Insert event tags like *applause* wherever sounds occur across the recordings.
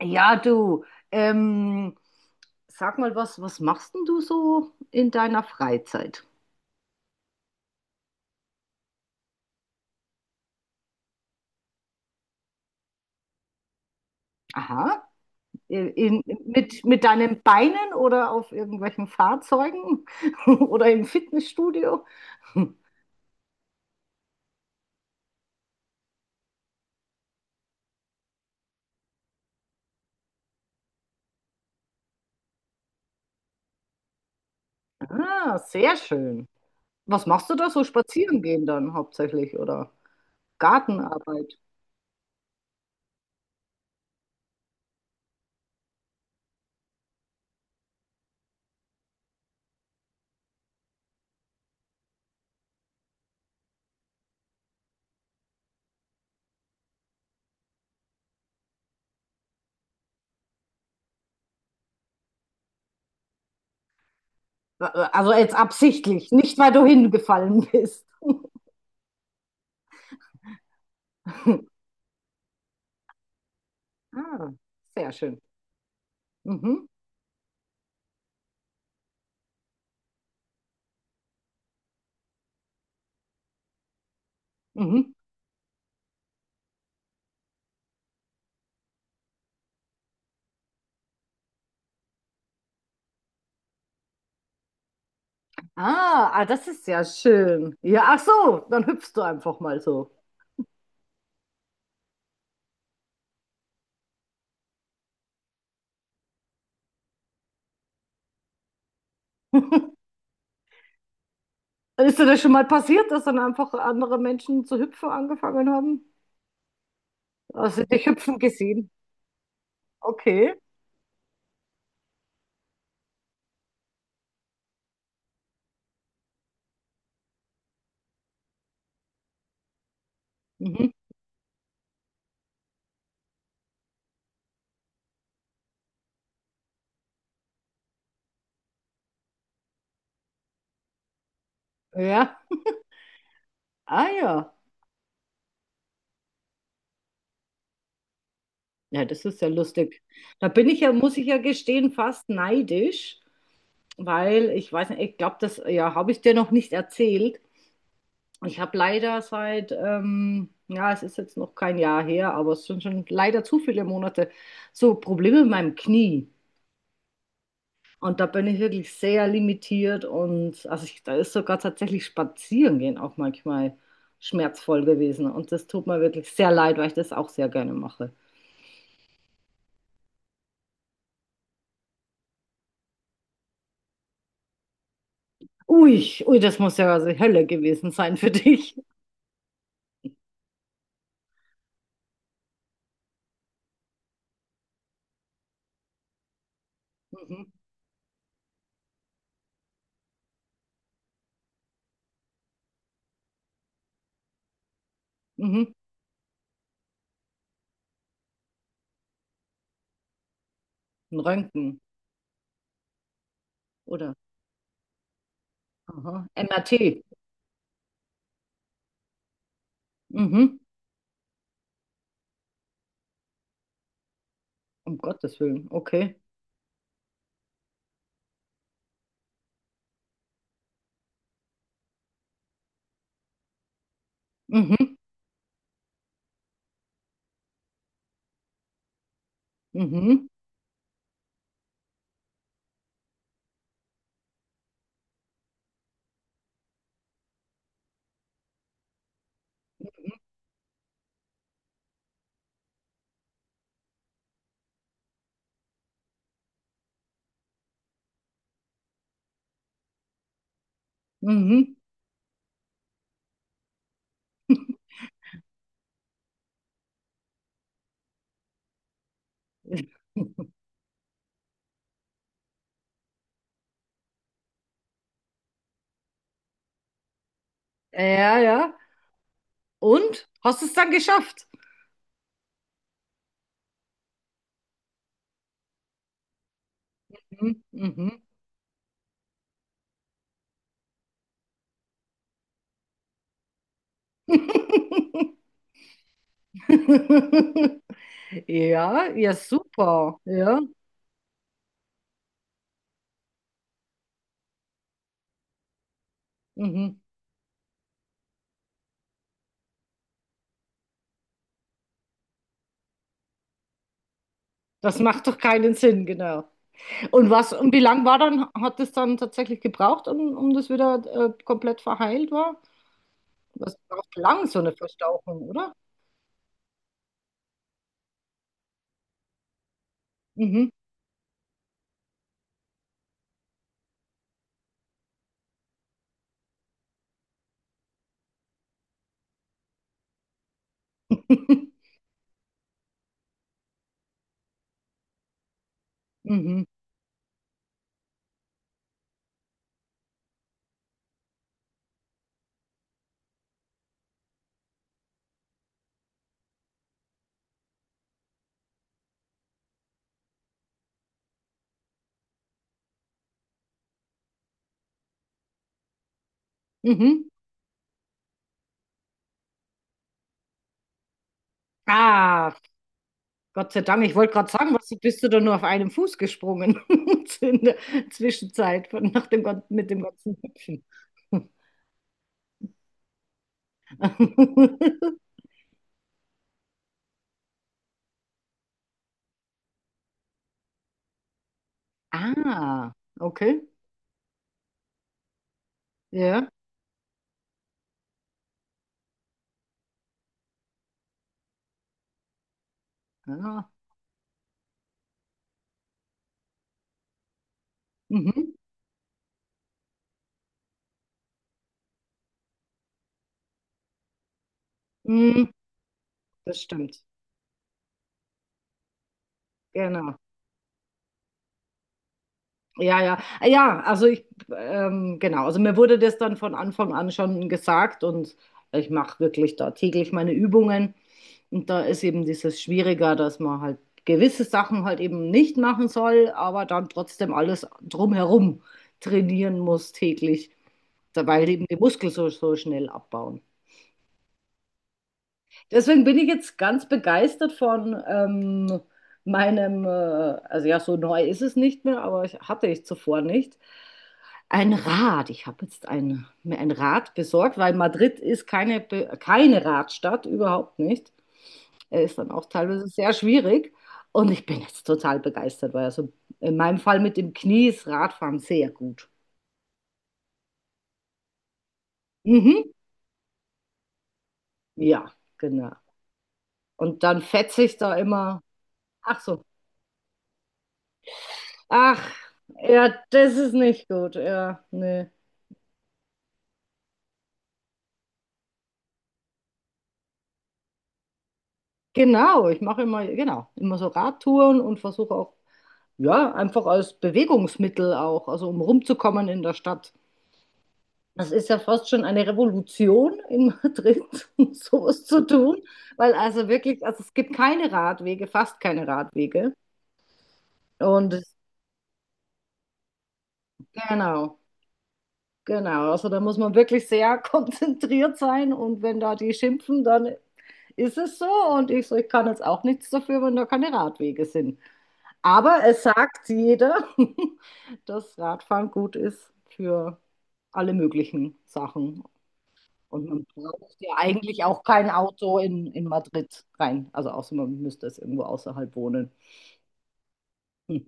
Ja, du, ähm, sag mal was, was machst denn du so in deiner Freizeit? Aha, in, mit deinen Beinen oder auf irgendwelchen Fahrzeugen *laughs* oder im Fitnessstudio? Ah, sehr schön. Was machst du da so? Spazieren gehen dann hauptsächlich oder Gartenarbeit? Also jetzt absichtlich, nicht weil du hingefallen bist. *laughs* Ah, sehr schön. Mhm, mhm. Ah, ah, das ist ja schön. Ja, ach so, dann hüpfst du einfach mal so. *laughs* Ist dir das schon mal passiert, dass dann einfach andere Menschen zu hüpfen angefangen haben? Also dich hüpfen gesehen. Okay. Mhm. Ja. Ah ja. Ja, das ist ja lustig. Da bin ich ja, muss ich ja gestehen, fast neidisch, weil ich weiß nicht, ich glaube, das ja, habe ich dir noch nicht erzählt. Ich habe leider seit, ja, es ist jetzt noch kein Jahr her, aber es sind schon leider zu viele Monate, so Probleme mit meinem Knie. Und da bin ich wirklich sehr limitiert und also ich, da ist sogar tatsächlich spazieren gehen auch manchmal schmerzvoll gewesen. Und das tut mir wirklich sehr leid, weil ich das auch sehr gerne mache. Ui, ui, das muss ja also Hölle gewesen sein für dich. Mhm, mhm. Ein Röntgen, oder? Aha. MRT. Mhm. Um Gottes Willen, okay. Mhm, mhm. Mhm. *laughs* Ja, ja. Und? Hast du es dann geschafft? Mhm. Mhm. *laughs* Ja, ja, super. Ja. Mhm. Das macht doch keinen Sinn, genau. Und was, und wie lang war dann, hat es dann tatsächlich gebraucht, um, um das wieder komplett verheilt war? Das braucht lang, so eine Verstauchung, oder? Mhm. *laughs* Mhm. Mhm. Ah, Gott sei Dank, ich wollte gerade sagen, was bist du da nur auf einem Fuß gesprungen *laughs* in der Zwischenzeit von, nach dem, mit dem ganzen Hüpfen. *laughs* Ah, okay. Ja. Ja. Mhm. Mhm. Das stimmt. Genau. Ja, ja. Ja, also ich, genau. Also mir wurde das dann von Anfang an schon gesagt und ich mache wirklich da täglich meine Übungen. Und da ist eben dieses Schwieriger, dass man halt gewisse Sachen halt eben nicht machen soll, aber dann trotzdem alles drumherum trainieren muss täglich, weil eben die Muskeln so, so schnell abbauen. Deswegen bin ich jetzt ganz begeistert von meinem, also ja, so neu ist es nicht mehr, aber ich, hatte ich zuvor nicht, ein Rad. Ich habe jetzt ein, mir ein Rad besorgt, weil Madrid ist keine, keine Radstadt, überhaupt nicht. Er ist dann auch teilweise sehr schwierig. Und ich bin jetzt total begeistert, weil also in meinem Fall mit dem Knie ist Radfahren sehr gut. Mhm. Ja, genau. Und dann fetze ich da immer. Ach so. Ach, ja, das ist nicht gut. Ja, nee. Genau, ich mache immer, genau, immer so Radtouren und versuche auch, ja, einfach als Bewegungsmittel auch, also um rumzukommen in der Stadt. Das ist ja fast schon eine Revolution in Madrid, *laughs* um sowas zu tun, weil also wirklich, also es gibt keine Radwege, fast keine Radwege. Und es- genau, genau. Also da muss man wirklich sehr *laughs* konzentriert sein und wenn da die schimpfen, dann ist es so. Und ich so, ich kann jetzt auch nichts dafür, wenn da keine Radwege sind. Aber es sagt jeder, *laughs* dass Radfahren gut ist für alle möglichen Sachen. Und man braucht ja eigentlich auch kein Auto in Madrid rein. Also außer man müsste es irgendwo außerhalb wohnen. Hm.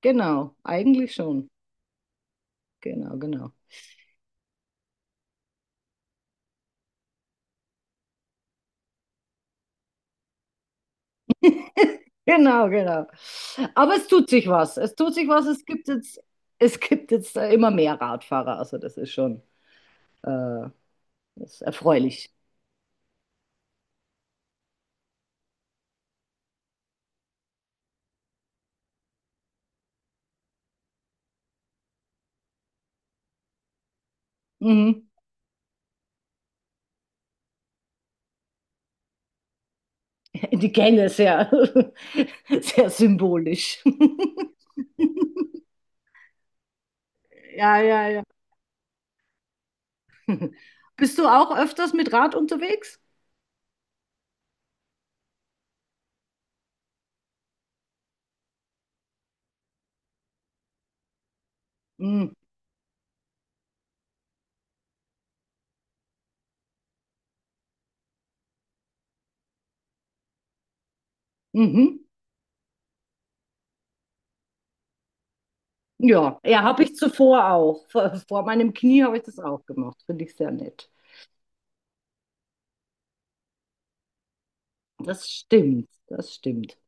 Genau, eigentlich schon. Genau, genau. Genau, genau. Aber es tut sich was. Es tut sich was. Es gibt jetzt immer mehr Radfahrer. Also das ist schon äh, das ist erfreulich. Mhm. *laughs* Die Gänge sehr, *laughs* sehr symbolisch. *laughs* Ja, ja, ja. *laughs* Bist du auch öfters mit Rad unterwegs? Mhm. Mhm. Ja, ja, habe ich zuvor auch. Vor, vor meinem Knie habe ich das auch gemacht. Finde ich sehr nett. Das stimmt, das stimmt.